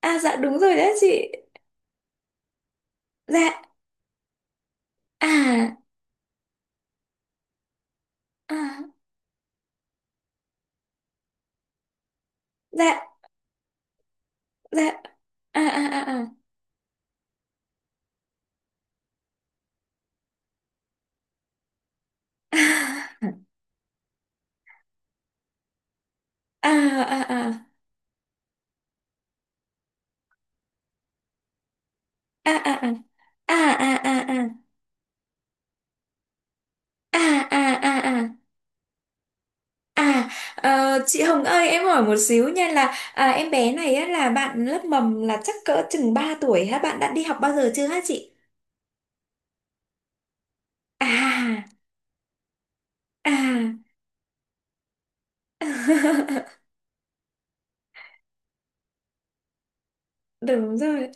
Dạ đúng rồi đấy chị. Dạ. À. À. Dạ. Dạ. À à à à. À à à. À à à. À à à à. À à à à. À À, ờ, Chị Hồng ơi, em hỏi một xíu nha, là em bé này á, là bạn lớp mầm là chắc cỡ chừng 3 tuổi hả? Bạn đã đi học bao giờ chưa hả chị? À. À. Đúng rồi.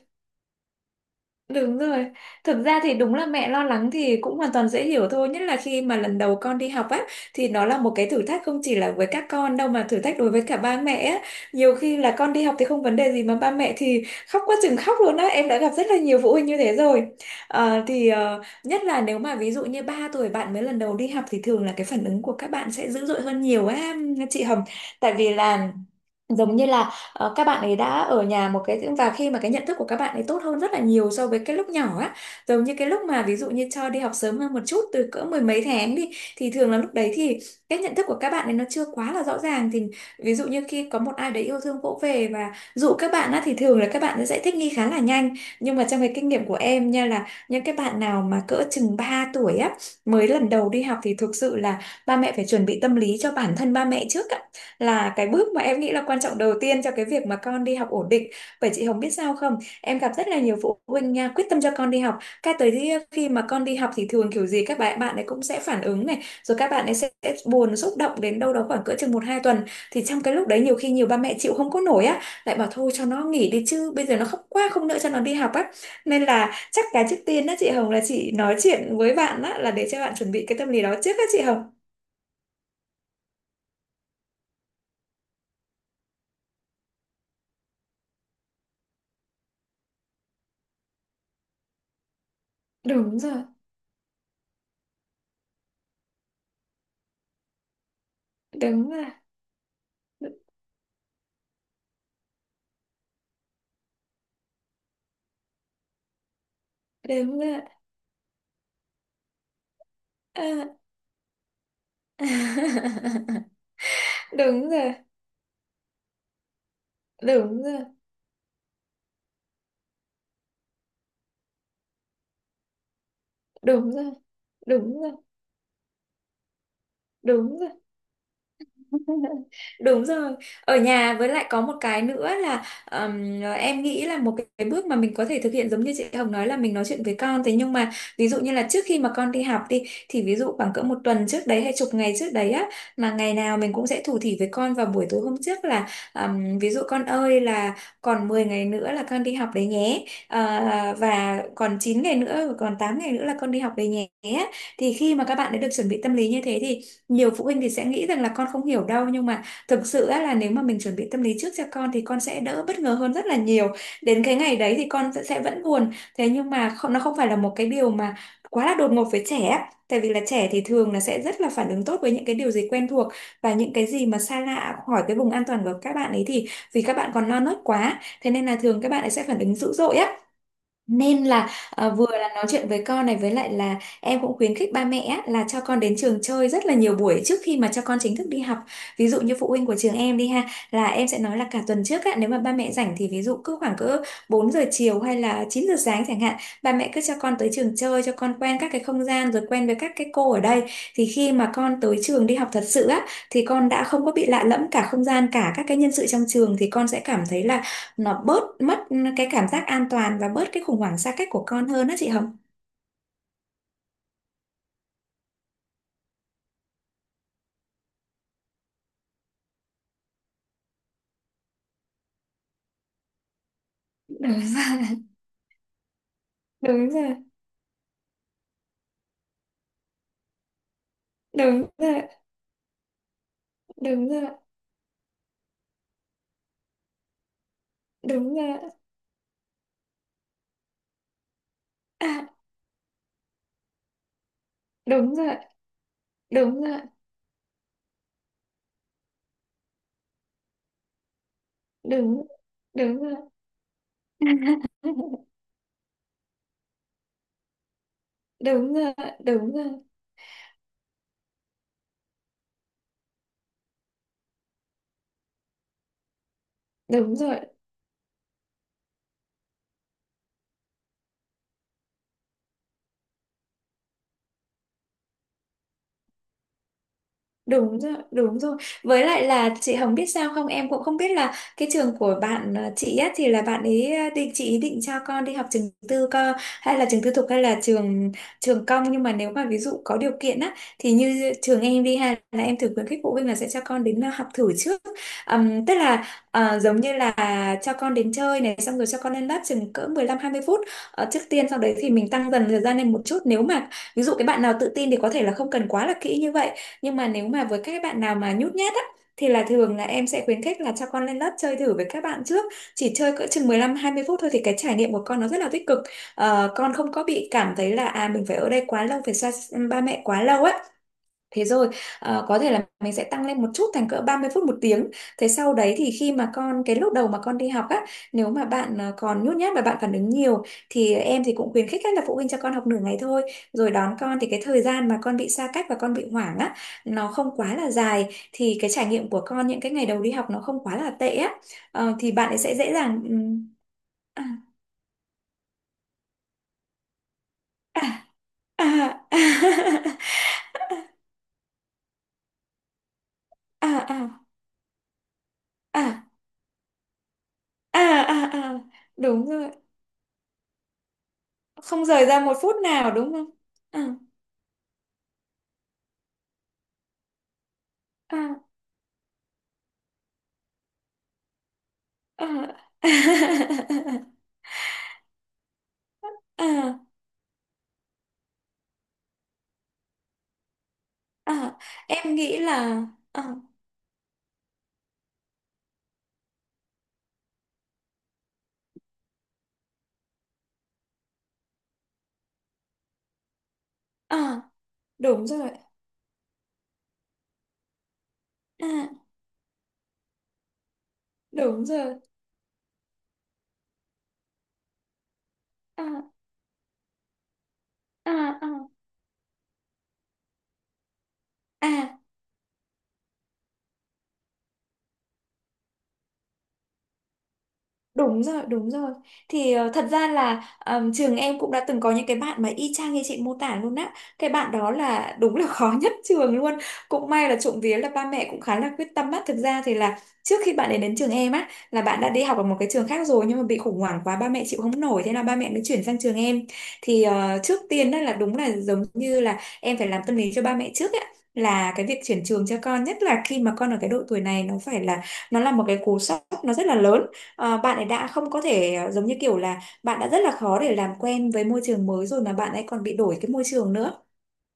Đúng rồi. Thực ra thì đúng là mẹ lo lắng thì cũng hoàn toàn dễ hiểu thôi. Nhất là khi mà lần đầu con đi học á, thì nó là một cái thử thách không chỉ là với các con đâu mà thử thách đối với cả ba mẹ á. Nhiều khi là con đi học thì không vấn đề gì mà ba mẹ thì khóc quá chừng khóc luôn á. Em đã gặp rất là nhiều phụ huynh như thế rồi. Nhất là nếu mà ví dụ như 3 tuổi bạn mới lần đầu đi học thì thường là cái phản ứng của các bạn sẽ dữ dội hơn nhiều á chị Hồng. Tại vì là giống như là các bạn ấy đã ở nhà một cái và khi mà cái nhận thức của các bạn ấy tốt hơn rất là nhiều so với cái lúc nhỏ á, giống như cái lúc mà ví dụ như cho đi học sớm hơn một chút từ cỡ mười mấy tháng đi, thì thường là lúc đấy thì cái nhận thức của các bạn ấy nó chưa quá là rõ ràng, thì ví dụ như khi có một ai đấy yêu thương vỗ về và dụ các bạn á thì thường là các bạn sẽ thích nghi khá là nhanh, nhưng mà trong cái kinh nghiệm của em nha là những cái bạn nào mà cỡ chừng 3 tuổi á mới lần đầu đi học thì thực sự là ba mẹ phải chuẩn bị tâm lý cho bản thân ba mẹ trước, là cái bước mà em nghĩ là quan trọng đầu tiên cho cái việc mà con đi học ổn định. Bởi chị Hồng biết sao không? Em gặp rất là nhiều phụ huynh nha, quyết tâm cho con đi học. Cái tới khi khi mà con đi học thì thường kiểu gì các bạn bạn ấy cũng sẽ phản ứng này, rồi các bạn ấy sẽ buồn xúc động đến đâu đó khoảng cỡ chừng một hai tuần. Thì trong cái lúc đấy nhiều khi nhiều ba mẹ chịu không có nổi á, lại bảo thôi cho nó nghỉ đi chứ, bây giờ nó khóc quá không nữa cho nó đi học á. Nên là chắc cái trước tiên á chị Hồng là chị nói chuyện với bạn á, là để cho bạn chuẩn bị cái tâm lý đó trước á chị Hồng. Đúng rồi, đúng rồi. Đúng rồi. Ờ. Đúng rồi, đúng rồi, đúng rồi, đúng rồi, đúng rồi, đúng rồi. Ở nhà với lại có một cái nữa là, em nghĩ là một cái bước mà mình có thể thực hiện giống như chị Hồng nói là mình nói chuyện với con, thế nhưng mà ví dụ như là trước khi mà con đi học đi, thì ví dụ khoảng cỡ một tuần trước đấy hay chục ngày trước đấy á, mà ngày nào mình cũng sẽ thủ thỉ với con vào buổi tối hôm trước là, ví dụ con ơi là còn 10 ngày nữa là con đi học đấy nhé. Ờ, và còn 9 ngày nữa, còn 8 ngày nữa là con đi học đấy nhé, thì khi mà các bạn đã được chuẩn bị tâm lý như thế thì nhiều phụ huynh thì sẽ nghĩ rằng là con không hiểu đâu, nhưng mà thực sự á, là nếu mà mình chuẩn bị tâm lý trước cho con thì con sẽ đỡ bất ngờ hơn rất là nhiều. Đến cái ngày đấy thì con sẽ vẫn buồn, thế nhưng mà không, nó không phải là một cái điều mà quá là đột ngột với trẻ á. Tại vì là trẻ thì thường là sẽ rất là phản ứng tốt với những cái điều gì quen thuộc, và những cái gì mà xa lạ khỏi cái vùng an toàn của các bạn ấy thì vì các bạn còn non nớt quá thế nên là thường các bạn ấy sẽ phản ứng dữ dội á. Nên là vừa là nói chuyện với con này, với lại là em cũng khuyến khích ba mẹ á, là cho con đến trường chơi rất là nhiều buổi trước khi mà cho con chính thức đi học. Ví dụ như phụ huynh của trường em đi ha, là em sẽ nói là cả tuần trước á, nếu mà ba mẹ rảnh thì ví dụ cứ khoảng cỡ 4 giờ chiều hay là 9 giờ sáng chẳng hạn, ba mẹ cứ cho con tới trường chơi cho con quen các cái không gian rồi quen với các cái cô ở đây. Thì khi mà con tới trường đi học thật sự á thì con đã không có bị lạ lẫm cả không gian cả các cái nhân sự trong trường, thì con sẽ cảm thấy là nó bớt mất cái cảm giác an toàn và bớt cái khủng hoảng xa cách của con hơn á chị Hồng. Đúng rồi, đúng rồi, đúng rồi, đúng rồi, đúng rồi, đúng rồi, đúng, đúng rồi. Đúng rồi, đúng rồi, đúng rồi. Đúng rồi, đúng rồi. Với lại là chị Hồng biết sao không, em cũng không biết là cái trường của bạn chị á thì là bạn ấy ờ, định chị ý định cho con đi học trường tư co hay là trường tư thục hay là trường trường công, nhưng mà nếu mà ví dụ có điều kiện á thì như trường em đi, hay là em thử khuyến khích phụ huynh là sẽ cho con đến học thử trước. Tức là giống như là cho con đến chơi này xong rồi cho con lên lớp chừng cỡ mười lăm hai mươi phút, trước tiên, sau đấy thì mình tăng dần thời gian lên một chút. Nếu mà ví dụ cái bạn nào tự tin thì có thể là không cần quá là kỹ như vậy, nhưng mà nếu mà với các bạn nào mà nhút nhát á thì thường là em sẽ khuyến khích là cho con lên lớp chơi thử với các bạn trước, chỉ chơi cỡ chừng 15 20 phút thôi thì cái trải nghiệm của con nó rất là tích cực. Ờ, con không có bị cảm thấy là à mình phải ở đây quá lâu phải xa ba mẹ quá lâu á. Thế rồi có thể là mình sẽ tăng lên một chút thành cỡ 30 phút một tiếng. Thế sau đấy thì khi mà con cái lúc đầu mà con đi học á, nếu mà bạn còn nhút nhát và bạn phản ứng nhiều thì em cũng khuyến khích các là phụ huynh cho con học nửa ngày thôi. Rồi đón con thì cái thời gian mà con bị xa cách và con bị hoảng á nó không quá là dài, thì cái trải nghiệm của con những cái ngày đầu đi học nó không quá là tệ á. Ờ, thì bạn ấy sẽ dễ dàng à, à, à, à, à, à, à, à, à, à. Đúng rồi. Không rời ra một phút nào đúng không? Ờ, ờ, ờ. Ờ, ờ. Em nghĩ là ờ, ờ, đúng rồi. Ờ, đúng rồi. Ờ, ờ, ờ. à Đúng rồi, đúng rồi. Thì thật ra là trường em cũng đã từng có những cái bạn mà y chang như chị mô tả luôn á. Cái bạn đó là đúng là khó nhất trường luôn. Cũng may là trộm vía là ba mẹ cũng khá là quyết tâm á. Thực ra thì là trước khi bạn ấy đến trường em á là bạn đã đi học ở một cái trường khác rồi, nhưng mà bị khủng hoảng quá, ba mẹ chịu không nổi, thế là ba mẹ mới chuyển sang trường em. Thì trước tiên đó là đúng là giống như là em phải làm tâm lý cho ba mẹ trước á. Là cái việc chuyển trường cho con, nhất là khi mà con ở cái độ tuổi này, nó là một cái cú sốc, nó rất là lớn. Bạn ấy đã không có thể, giống như kiểu là bạn đã rất là khó để làm quen với môi trường mới rồi mà bạn ấy còn bị đổi cái môi trường nữa,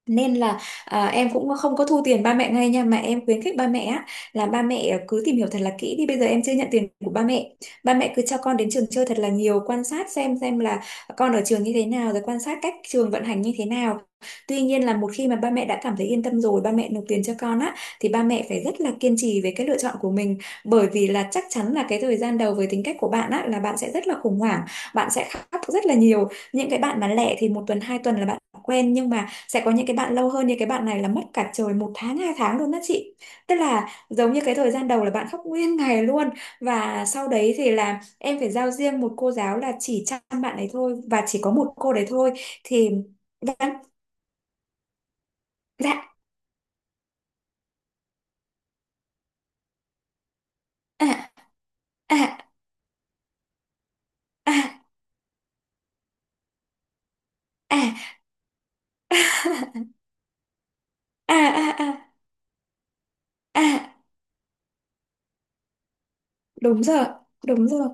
nên là em cũng không có thu tiền ba mẹ ngay nha, mà em khuyến khích ba mẹ á, là ba mẹ cứ tìm hiểu thật là kỹ đi, bây giờ em chưa nhận tiền của ba mẹ. Ba mẹ cứ cho con đến trường chơi thật là nhiều, quan sát xem là con ở trường như thế nào, rồi quan sát cách trường vận hành như thế nào. Tuy nhiên, là một khi mà ba mẹ đã cảm thấy yên tâm rồi, ba mẹ nộp tiền cho con á, thì ba mẹ phải rất là kiên trì về cái lựa chọn của mình. Bởi vì là chắc chắn là cái thời gian đầu, với tính cách của bạn á, là bạn sẽ rất là khủng hoảng, bạn sẽ khóc rất là nhiều. Những cái bạn mà lẻ thì 1 tuần 2 tuần là bạn quen, nhưng mà sẽ có những cái bạn lâu hơn, như cái bạn này là mất cả trời 1 tháng 2 tháng luôn đó chị. Tức là giống như cái thời gian đầu là bạn khóc nguyên ngày luôn, và sau đấy thì là em phải giao riêng một cô giáo là chỉ chăm bạn ấy thôi, và chỉ có một cô đấy thôi. thì vâng. Dạ. À, à, à, à. À, à, à, à, à. Đúng rồi, đúng rồi,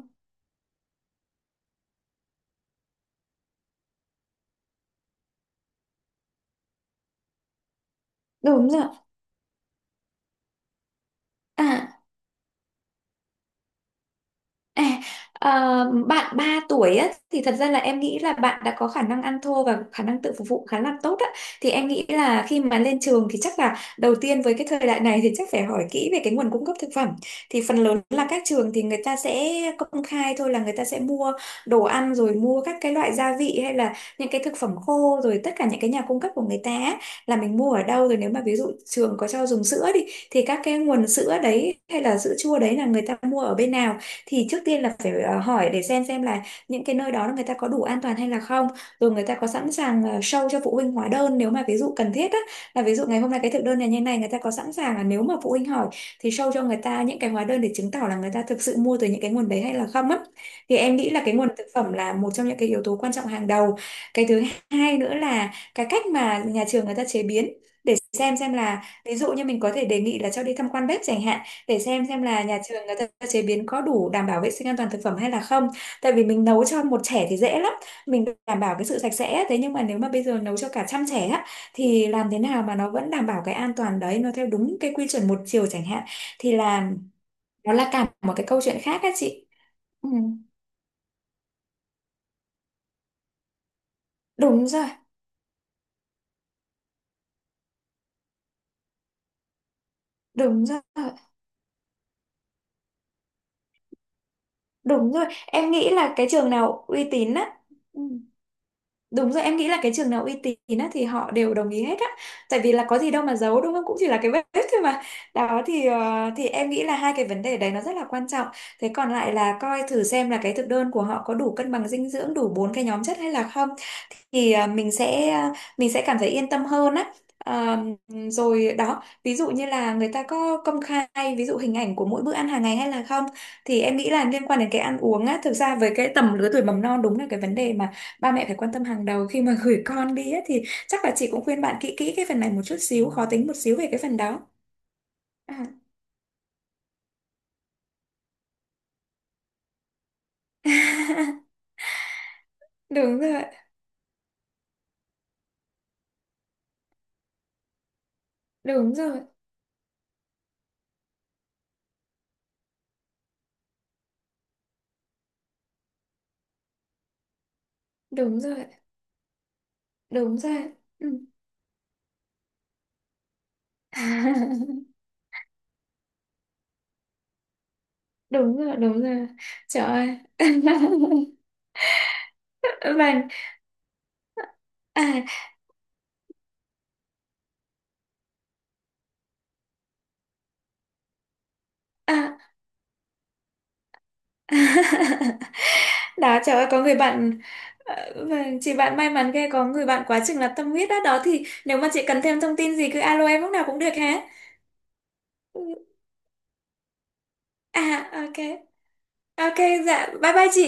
đúng rồi. À. À, ờ, bạn 3 tuổi á, thì thật ra là em nghĩ là bạn đã có khả năng ăn thô và khả năng tự phục vụ khá là tốt á. Thì em nghĩ là khi mà lên trường thì chắc là đầu tiên, với cái thời đại này, thì chắc phải hỏi kỹ về cái nguồn cung cấp thực phẩm. Thì phần lớn là các trường thì người ta sẽ công khai thôi, là người ta sẽ mua đồ ăn, rồi mua các cái loại gia vị hay là những cái thực phẩm khô, rồi tất cả những cái nhà cung cấp của người ta á, là mình mua ở đâu. Rồi nếu mà ví dụ trường có cho dùng sữa đi, thì các cái nguồn sữa đấy hay là sữa chua đấy là người ta mua ở bên nào, thì trước tiên là phải hỏi để xem là những cái nơi đó người ta có đủ an toàn hay là không, rồi người ta có sẵn sàng show cho phụ huynh hóa đơn nếu mà ví dụ cần thiết á, là ví dụ ngày hôm nay cái thực đơn này như này người ta có sẵn sàng là nếu mà phụ huynh hỏi thì show cho người ta những cái hóa đơn để chứng tỏ là người ta thực sự mua từ những cái nguồn đấy hay là không á. Thì em nghĩ là cái nguồn thực phẩm là một trong những cái yếu tố quan trọng hàng đầu. Cái thứ hai nữa là cái cách mà nhà trường người ta chế biến, để xem là, ví dụ như mình có thể đề nghị là cho đi tham quan bếp chẳng hạn, để xem là nhà trường người ta chế biến có đủ đảm bảo vệ sinh an toàn thực phẩm hay là không. Tại vì mình nấu cho một trẻ thì dễ lắm, mình đảm bảo cái sự sạch sẽ, thế nhưng mà nếu mà bây giờ nấu cho cả trăm trẻ á, thì làm thế nào mà nó vẫn đảm bảo cái an toàn đấy, nó theo đúng cái quy chuẩn một chiều chẳng hạn, thì là nó là cả một cái câu chuyện khác á chị. Ừ, đúng rồi, đúng rồi, đúng rồi, em nghĩ là cái trường nào uy tín á. Ừ. Đúng rồi, em nghĩ là cái trường nào uy tín á, thì họ đều đồng ý hết á. Tại vì là có gì đâu mà giấu, đúng không? Cũng chỉ là cái vết thôi mà. Đó, thì em nghĩ là hai cái vấn đề đấy nó rất là quan trọng. Thế còn lại là coi thử xem là cái thực đơn của họ có đủ cân bằng dinh dưỡng, đủ bốn cái nhóm chất hay là không, thì mình sẽ cảm thấy yên tâm hơn á. À, rồi đó, ví dụ như là người ta có công khai ví dụ hình ảnh của mỗi bữa ăn hàng ngày hay là không. Thì em nghĩ là liên quan đến cái ăn uống á, thực ra với cái tầm lứa tuổi mầm non, đúng là cái vấn đề mà ba mẹ phải quan tâm hàng đầu khi mà gửi con đi á, thì chắc là chị cũng khuyên bạn kỹ kỹ cái phần này một chút xíu, khó tính một xíu về cái phần đó. À. Đúng rồi, đúng rồi, đúng rồi, đúng rồi. Ừ. Đúng rồi, đúng rồi. Trời ơi. Vâng. À, à. Đó, trời ơi, có người bạn, vâng, chị bạn may mắn ghê, có người bạn quá chừng là tâm huyết. Đó đó, thì nếu mà chị cần thêm thông tin gì cứ alo em lúc nào cũng được hả. Ừ. À. Ok. Ok. Dạ, bye bye chị.